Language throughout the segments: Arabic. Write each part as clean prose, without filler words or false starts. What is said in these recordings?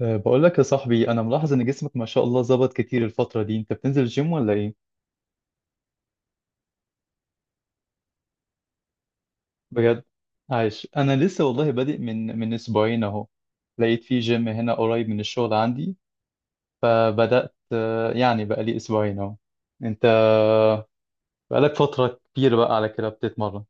بقول لك يا صاحبي انا ملاحظ ان جسمك ما شاء الله ظبط كتير الفتره دي، انت بتنزل الجيم ولا ايه؟ بجد عايش انا لسه، والله بادئ من اسبوعين اهو. لقيت في جيم هنا قريب من الشغل عندي، فبدات يعني بقالي اسبوعين اهو. انت بقالك فتره كبيره بقى على كده بتتمرن؟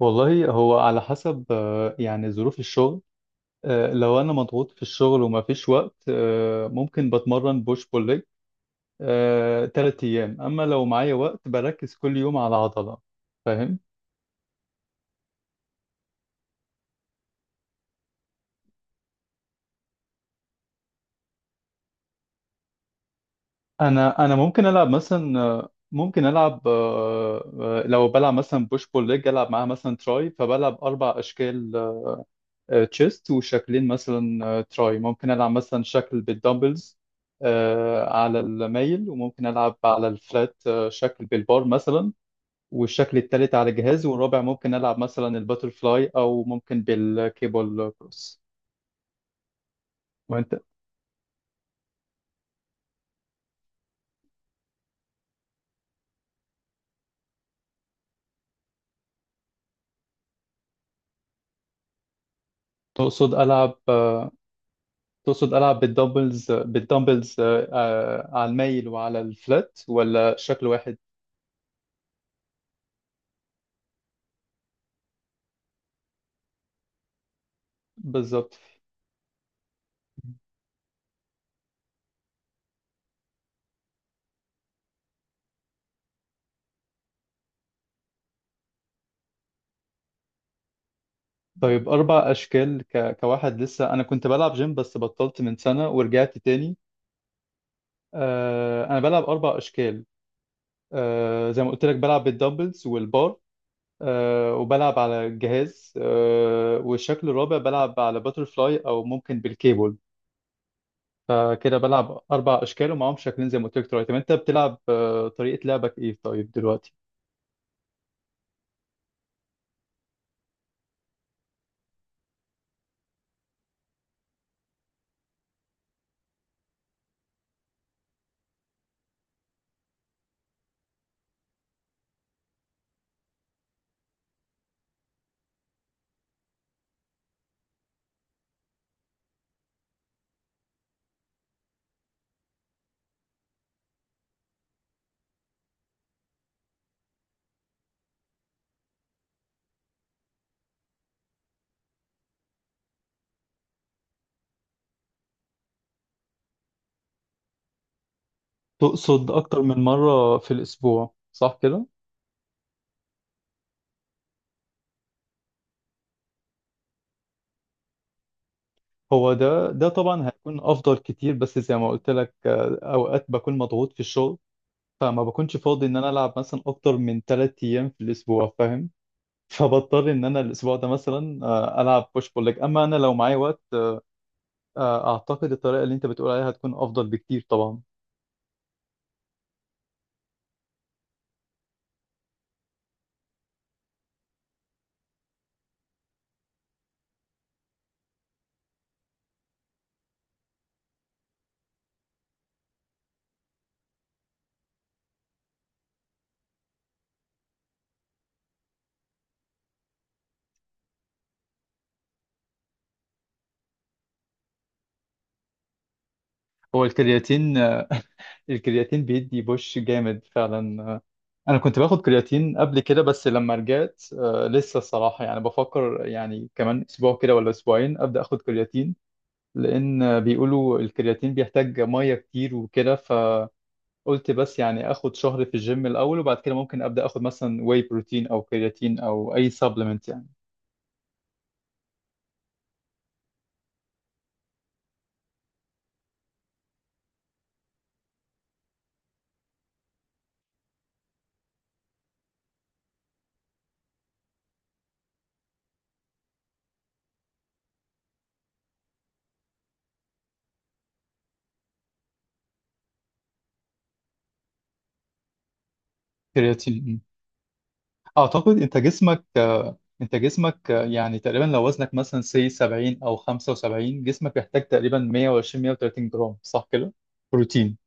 والله هو على حسب يعني ظروف الشغل. لو انا مضغوط في الشغل وما فيش وقت، ممكن بتمرن بوش بول تلات أيام، أما لو معايا وقت بركز كل يوم على عضلة. فاهم؟ أنا ممكن ألعب مثلا آه، ممكن ألعب آه، آه، لو بلعب مثلا بوش بول ليج ألعب معاها مثلا تراي، فبلعب أربع أشكال: تشيست، وشكلين مثلا تراي. ممكن ألعب مثلا شكل بالدمبلز على الميل، وممكن ألعب على الفلات شكل بالبار مثلا، والشكل التالت على جهاز، والرابع ممكن ألعب مثلا الباترفلاي أو ممكن بالكيبل كروس. وانت، تقصد ألعب بالدمبلز على الميل وعلى الفلات، ولا شكل واحد؟ بالظبط. طيب أربع أشكال كواحد لسه أنا كنت بلعب جيم بس بطلت من سنة ورجعت تاني. أنا بلعب أربع أشكال، زي ما قلت لك بلعب بالدمبلز والبار، وبلعب على الجهاز، والشكل الرابع بلعب على باترفلاي أو ممكن بالكيبل. فكده بلعب اربع اشكال ومعاهم شكلين زي ما قلت لك دلوقتي. طب انت بتلعب، طريقه لعبك ايه طيب دلوقتي؟ تقصد اكتر من مره في الاسبوع، صح كده؟ هو ده طبعا هيكون افضل كتير، بس زي ما قلت لك اوقات بكون مضغوط في الشغل، فما بكونش فاضي ان انا العب مثلا اكتر من ثلاث ايام في الاسبوع، فاهم؟ فبضطر ان انا الاسبوع ده مثلا العب بوش بول ليج، اما انا لو معايا وقت اعتقد الطريقه اللي انت بتقول عليها هتكون افضل بكتير طبعا. هو الكرياتين الكرياتين بيدي بوش جامد فعلا. انا كنت باخد كرياتين قبل كده، بس لما رجعت لسه الصراحه يعني بفكر، يعني كمان اسبوع كده ولا اسبوعين ابدا اخد كرياتين، لان بيقولوا الكرياتين بيحتاج ميه كتير وكده، فقلت بس يعني اخد شهر في الجيم الاول، وبعد كده ممكن ابدا اخد مثلا واي بروتين او كرياتين او اي سبلمنت يعني. كرياتين. اعتقد انت جسمك، يعني تقريبا لو وزنك مثلا سي 70 او 75، جسمك بيحتاج تقريبا 120 130 جرام، صح كده؟ بروتين.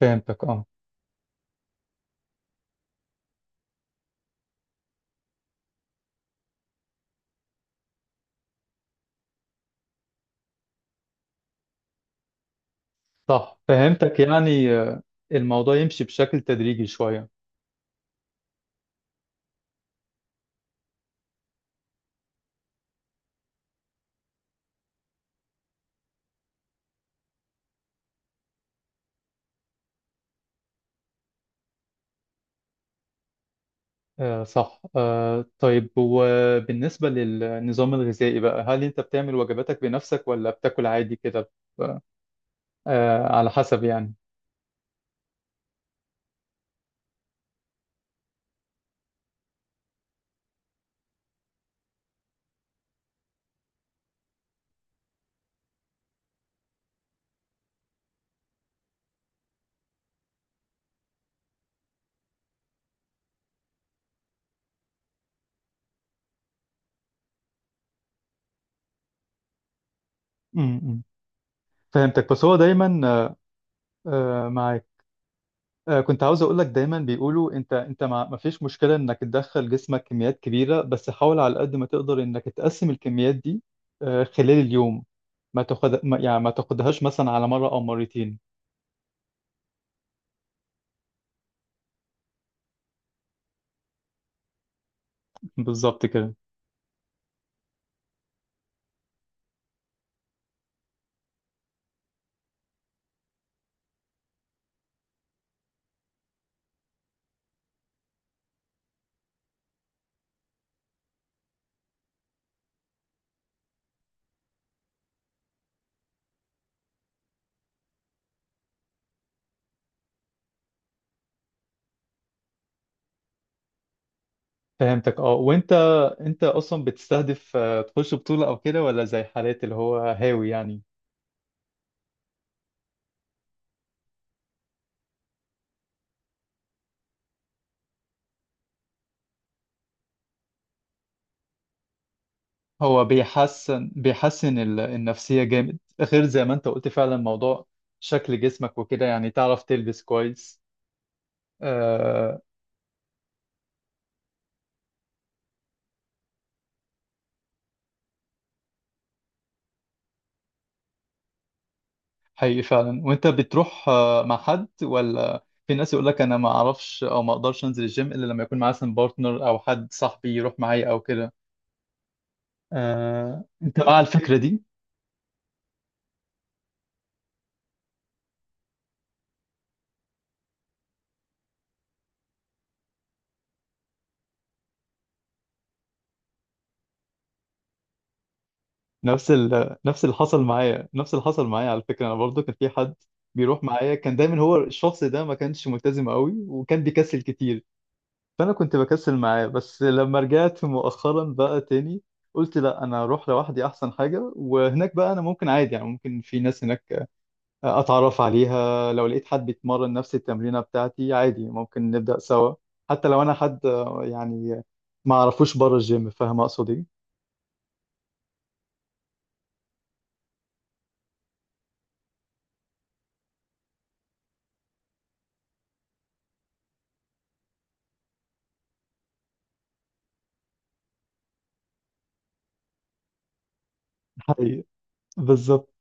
فهمتك، اه. صح، فهمتك يعني. الموضوع يمشي بشكل تدريجي شوية. آه صح. آه طيب، وبالنسبة للنظام الغذائي بقى، هل انت بتعمل وجباتك بنفسك ولا بتاكل عادي كده؟ آه، على حسب يعني. م- م. فهمتك، بس هو دايما معاك. كنت عاوز اقول لك، دايما بيقولوا انت، انت ما فيش مشكله انك تدخل جسمك كميات كبيره، بس حاول على قد ما تقدر انك تقسم الكميات دي خلال اليوم. ما تاخد ما- يعني ما تاخدهاش مثلا على مره او مرتين. بالظبط كده. فهمتك اه. وانت، انت اصلا بتستهدف تخش بطوله او كده، ولا زي حالات اللي هو هاوي يعني؟ هو بيحسن النفسيه جامد، غير زي ما انت قلت فعلا موضوع شكل جسمك وكده، يعني تعرف تلبس كويس. آه، حقيقي فعلا. وانت بتروح مع حد، ولا في ناس يقول لك انا ما اعرفش او ما اقدرش انزل الجيم الا لما يكون معايا مثلا بارتنر او حد صاحبي يروح معايا او كده؟ انت مع الفكره دي؟ نفس اللي حصل معايا، نفس اللي حصل معايا على فكره، انا برضو كان في حد بيروح معايا، كان دايما. هو الشخص ده ما كانش ملتزم قوي وكان بيكسل كتير، فانا كنت بكسل معاه. بس لما رجعت مؤخرا بقى تاني قلت لا، انا اروح لوحدي احسن حاجه، وهناك بقى انا ممكن عادي يعني، ممكن في ناس هناك اتعرف عليها، لو لقيت حد بيتمرن نفس التمرينة بتاعتي عادي ممكن نبدأ سوا، حتى لو انا حد يعني ما اعرفوش بره الجيم. فاهم اقصد ايه؟ حقيقي. بالظبط.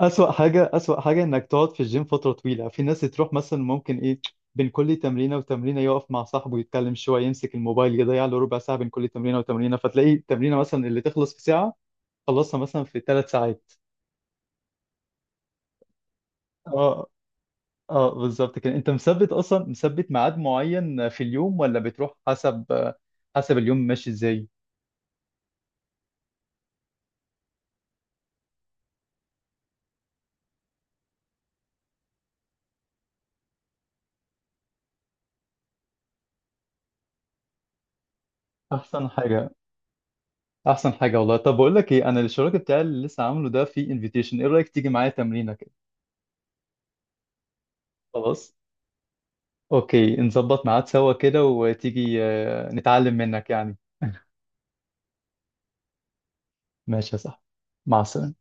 اسوأ حاجة، اسوأ حاجة انك تقعد في الجيم فترة طويلة. في ناس تروح مثلا ممكن ايه، بين كل تمرينة وتمرينة يقف مع صاحبه يتكلم شوية، يمسك الموبايل يضيع له ربع ساعة بين كل تمرينة وتمرينة، فتلاقي التمرينة مثلا اللي تخلص في ساعة خلصها مثلا في ثلاث ساعات. اه اه، بالظبط كده. انت مثبت اصلا، مثبت ميعاد معين في اليوم ولا بتروح حسب، حسب اليوم ماشي ازاي؟ احسن حاجه، احسن حاجه والله. طب بقول لك ايه، انا الشراكه بتاعي اللي لسه عامله ده في انفيتيشن، ايه رايك تيجي معايا تمرينه كده؟ خلاص اوكي، نظبط ميعاد سوا كده وتيجي نتعلم منك يعني. ماشي يا صاحبي، مع السلامه.